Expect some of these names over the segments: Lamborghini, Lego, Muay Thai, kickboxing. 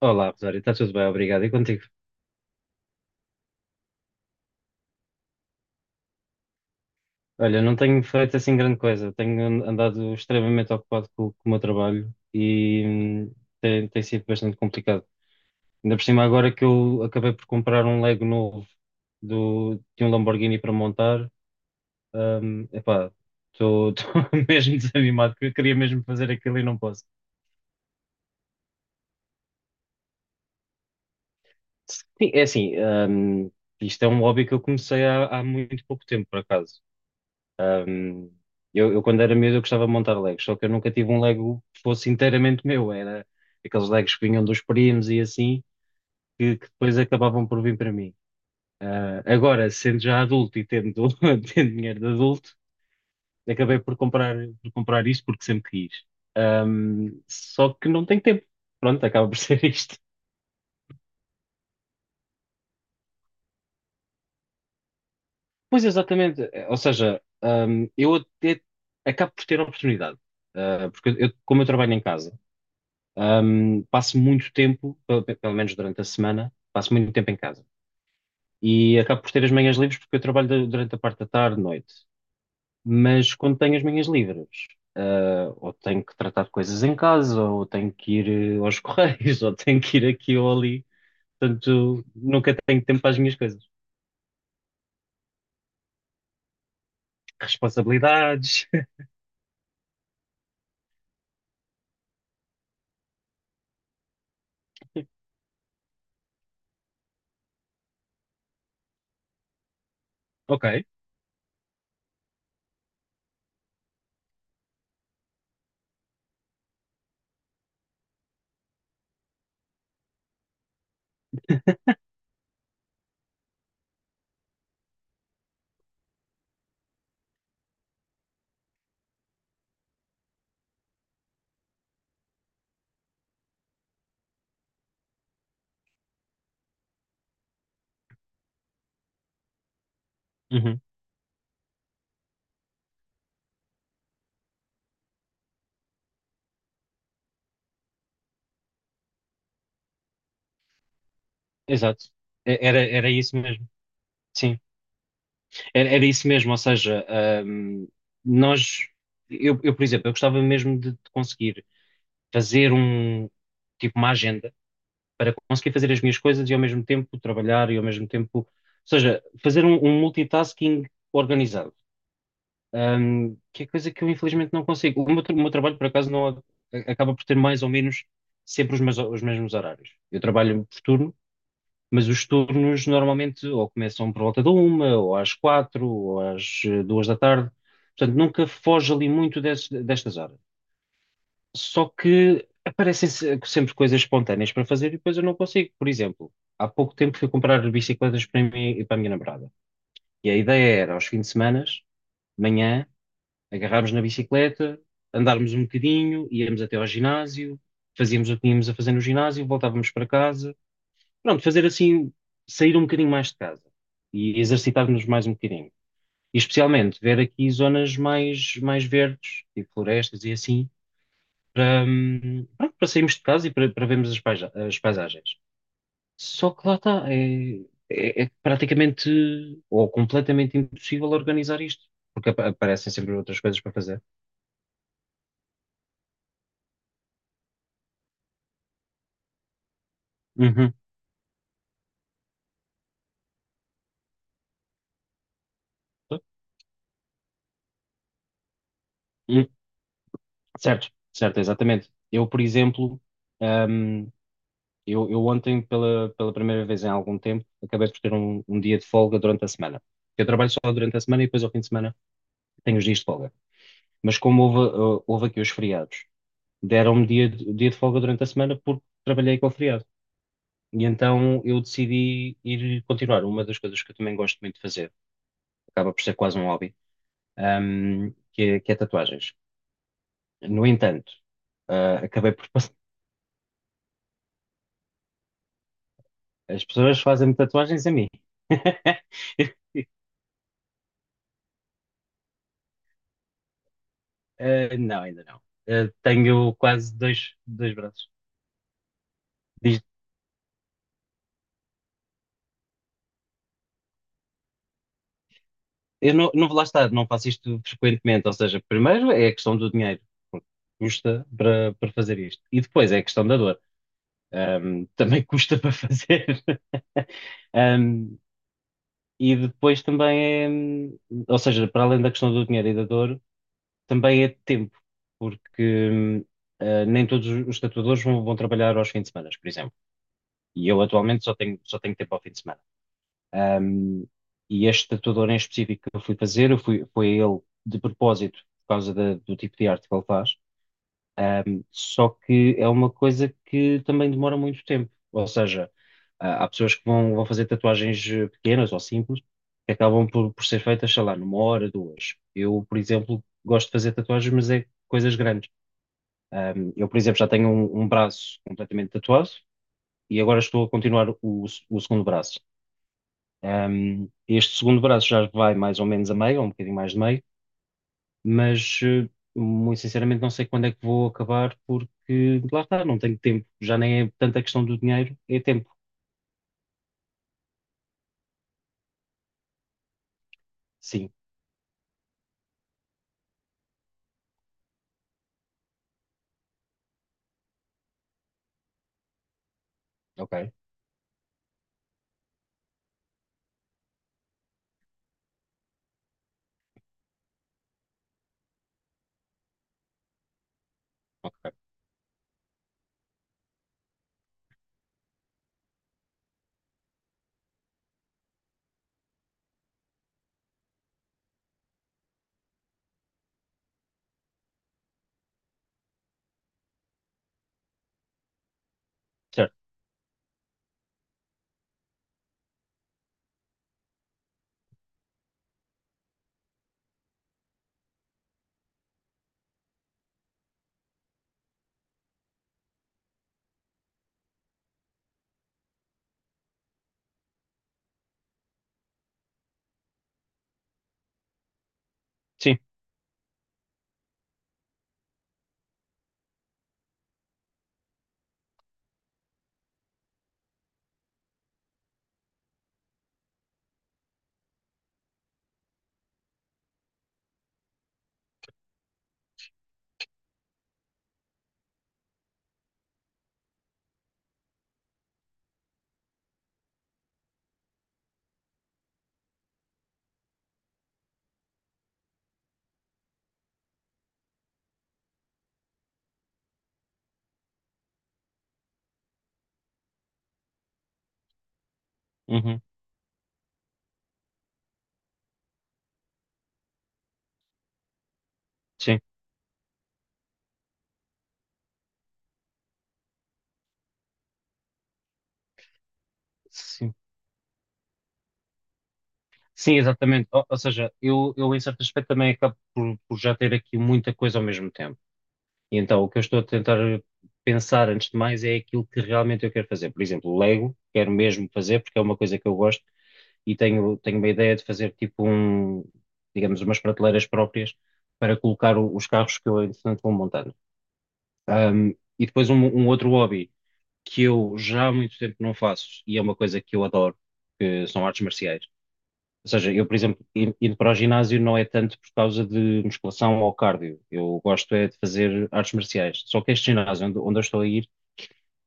Olá, Rosário, está tudo bem, obrigado. E contigo? Olha, não tenho feito assim grande coisa, tenho andado extremamente ocupado com o meu trabalho e tem sido bastante complicado. Ainda por cima, agora que eu acabei por comprar um Lego novo de um Lamborghini para montar. Epá, estou mesmo desanimado, porque eu queria mesmo fazer aquilo e não posso. Sim, é assim. Isto é um hobby que eu comecei há muito pouco tempo, por acaso. Um, eu, quando era miúdo, eu gostava de montar Legos, só que eu nunca tive um Lego que fosse inteiramente meu. Era aqueles Legos que vinham dos primos e assim, que depois acabavam por vir para mim. Ah, agora, sendo já adulto e tendo, tendo dinheiro de adulto, acabei por comprar isso porque sempre quis. Só que não tenho tempo. Pronto, acaba por ser isto. Pois, exatamente. Ou seja, eu até acabo por ter oportunidade. Ah, porque como eu trabalho em casa. Passo muito tempo, pelo menos durante a semana, passo muito tempo em casa. E acabo por ter as manhãs livres porque eu trabalho durante a parte da tarde, noite. Mas quando tenho as manhãs livres, ou tenho que tratar de coisas em casa, ou tenho que ir aos correios, ou tenho que ir aqui ou ali. Portanto, nunca tenho tempo para as minhas coisas. Responsabilidades. Ok. Uhum. Exato. Era, isso mesmo. Sim. Era, isso mesmo, ou seja, nós, eu, por exemplo, eu gostava mesmo de conseguir fazer tipo, uma agenda para conseguir fazer as minhas coisas e ao mesmo tempo trabalhar e ao mesmo tempo, ou seja, fazer um multitasking organizado, que é coisa que eu infelizmente não consigo. O meu trabalho, por acaso, não acaba por ter mais ou menos sempre os mesmos horários. Eu trabalho por turno, mas os turnos normalmente ou começam por volta da uma, ou às quatro, ou às duas da tarde. Portanto, nunca foge ali muito destas horas. Só que aparecem sempre coisas espontâneas para fazer e depois eu não consigo. Por exemplo, há pouco tempo fui comprar bicicletas para mim e para a minha namorada. E a ideia era, aos fins de semana, de manhã, agarrarmos na bicicleta, andarmos um bocadinho, íamos até ao ginásio, fazíamos o que tínhamos a fazer no ginásio, voltávamos para casa, pronto, fazer assim, sair um bocadinho mais de casa e exercitar-nos mais um bocadinho. E especialmente ver aqui zonas mais verdes, tipo florestas e assim, pronto, para sairmos de casa e para vermos as paisagens. Só que lá está, é praticamente ou completamente impossível organizar isto, porque aparecem sempre outras coisas para fazer. Uhum. Hum, certo, certo, exatamente. Eu, por exemplo, hum, eu ontem, pela primeira vez em algum tempo, acabei por ter um dia de folga durante a semana. Eu trabalho só durante a semana e depois ao fim de semana tenho os dias de folga. Mas como houve aqui os feriados, deram-me dia de folga durante a semana porque trabalhei com o feriado. E então eu decidi ir continuar. Uma das coisas que eu também gosto muito de fazer, acaba por ser quase um hobby, que é tatuagens. No entanto, acabei por passar. As pessoas fazem-me tatuagens a mim. Não, ainda não. Tenho quase dois braços. Diz- eu não, não vou lá estar. Não faço isto frequentemente. Ou seja, primeiro é a questão do dinheiro, porque custa para fazer isto. E depois é a questão da dor. Também custa para fazer. Ahm, e depois também é, ou seja, para além da questão do dinheiro e da dor, também é tempo, porque nem todos os tatuadores vão trabalhar aos fins de semana, por exemplo. E eu atualmente só tenho tempo ao fim de semana. Um, e este tatuador em específico que eu fui fazer, foi a ele de propósito, por causa do tipo de arte que ele faz. Só que é uma coisa que também demora muito tempo. Ou seja, há pessoas que vão fazer tatuagens pequenas ou simples, que acabam por ser feitas, sei lá, numa hora, duas. Eu, por exemplo, gosto de fazer tatuagens, mas é coisas grandes. Eu, por exemplo, já tenho um braço completamente tatuado e agora estou a continuar o segundo braço. Este segundo braço já vai mais ou menos a meio, ou um bocadinho mais de meio, mas muito sinceramente não sei quando é que vou acabar, porque lá está, não tenho tempo. Já nem é tanta questão do dinheiro, é tempo. Sim, ok, ok. Certo, sim, uhum, sim, sim. Sim, exatamente. Ou seja, eu em certo aspecto também acabo por já ter aqui muita coisa ao mesmo tempo. E então o que eu estou a tentar pensar antes de mais é aquilo que realmente eu quero fazer. Por exemplo, Lego, quero mesmo fazer porque é uma coisa que eu gosto e tenho uma ideia de fazer tipo digamos, umas prateleiras próprias para colocar os carros que eu, entretanto, vou montando. Ahm, e depois um outro hobby que eu já há muito tempo não faço e é uma coisa que eu adoro, que são artes marciais. Ou seja, eu, por exemplo, indo para o ginásio não é tanto por causa de musculação ou cardio. Eu gosto é de fazer artes marciais. Só que este ginásio onde eu estou a ir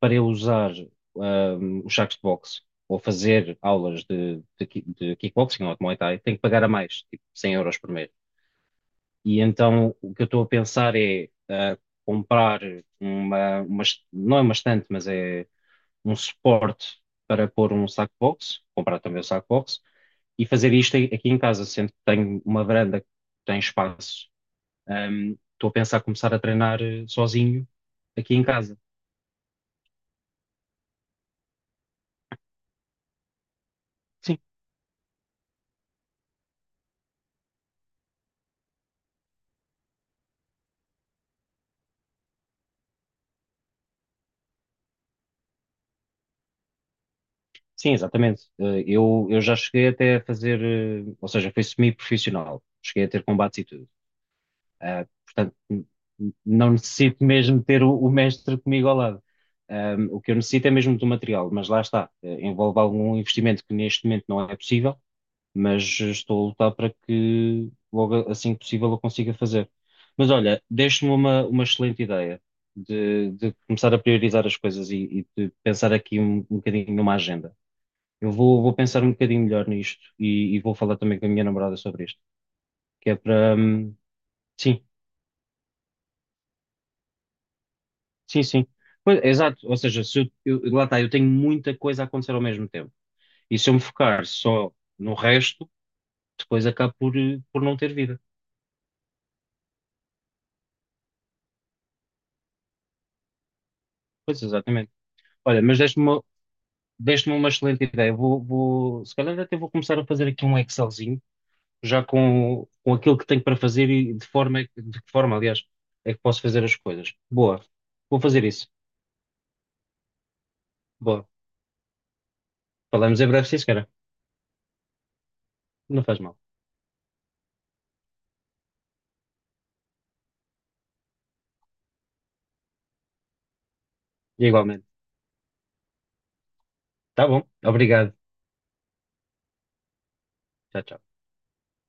para eu usar os sacos de boxe ou fazer aulas de kickboxing ou de Muay Thai, tenho que pagar a mais, tipo 100 € por mês. E então o que eu estou a pensar é comprar não é uma estante, mas é um suporte para pôr um saco de boxe, comprar também o saco de boxe e fazer isto aqui em casa, sendo que tenho uma varanda que tem espaço. Estou a pensar começar a treinar sozinho aqui em casa. Sim. Sim, exatamente. Eu já cheguei até a fazer, ou seja, foi semi-profissional. Cheguei a ter combates e tudo. Ah, portanto, não necessito mesmo ter o mestre comigo ao lado. O que eu necessito é mesmo do material, mas lá está. Envolve algum investimento que neste momento não é possível, mas estou a lutar para que logo assim que possível eu consiga fazer. Mas olha, deixe-me uma excelente ideia de começar a priorizar as coisas e de pensar aqui um bocadinho numa agenda. Eu vou pensar um bocadinho melhor nisto e vou falar também com a minha namorada sobre isto, que é para. Sim, sim, sim. Pois, exato, ou seja, se eu, eu- lá está, eu tenho muita coisa a acontecer ao mesmo tempo. E se eu me focar só no resto, depois acabo por não ter vida. Pois, exatamente. Olha, mas deste-me uma excelente ideia. Vou, se calhar até vou começar a fazer aqui um Excelzinho, já com aquilo que tenho para fazer e de que forma, aliás, é que posso fazer as coisas. Boa, vou fazer isso. Boa. Falamos em breve, sim, senhora. Não faz mal. E igualmente. Tá bom. Obrigado. Tchau, tchau.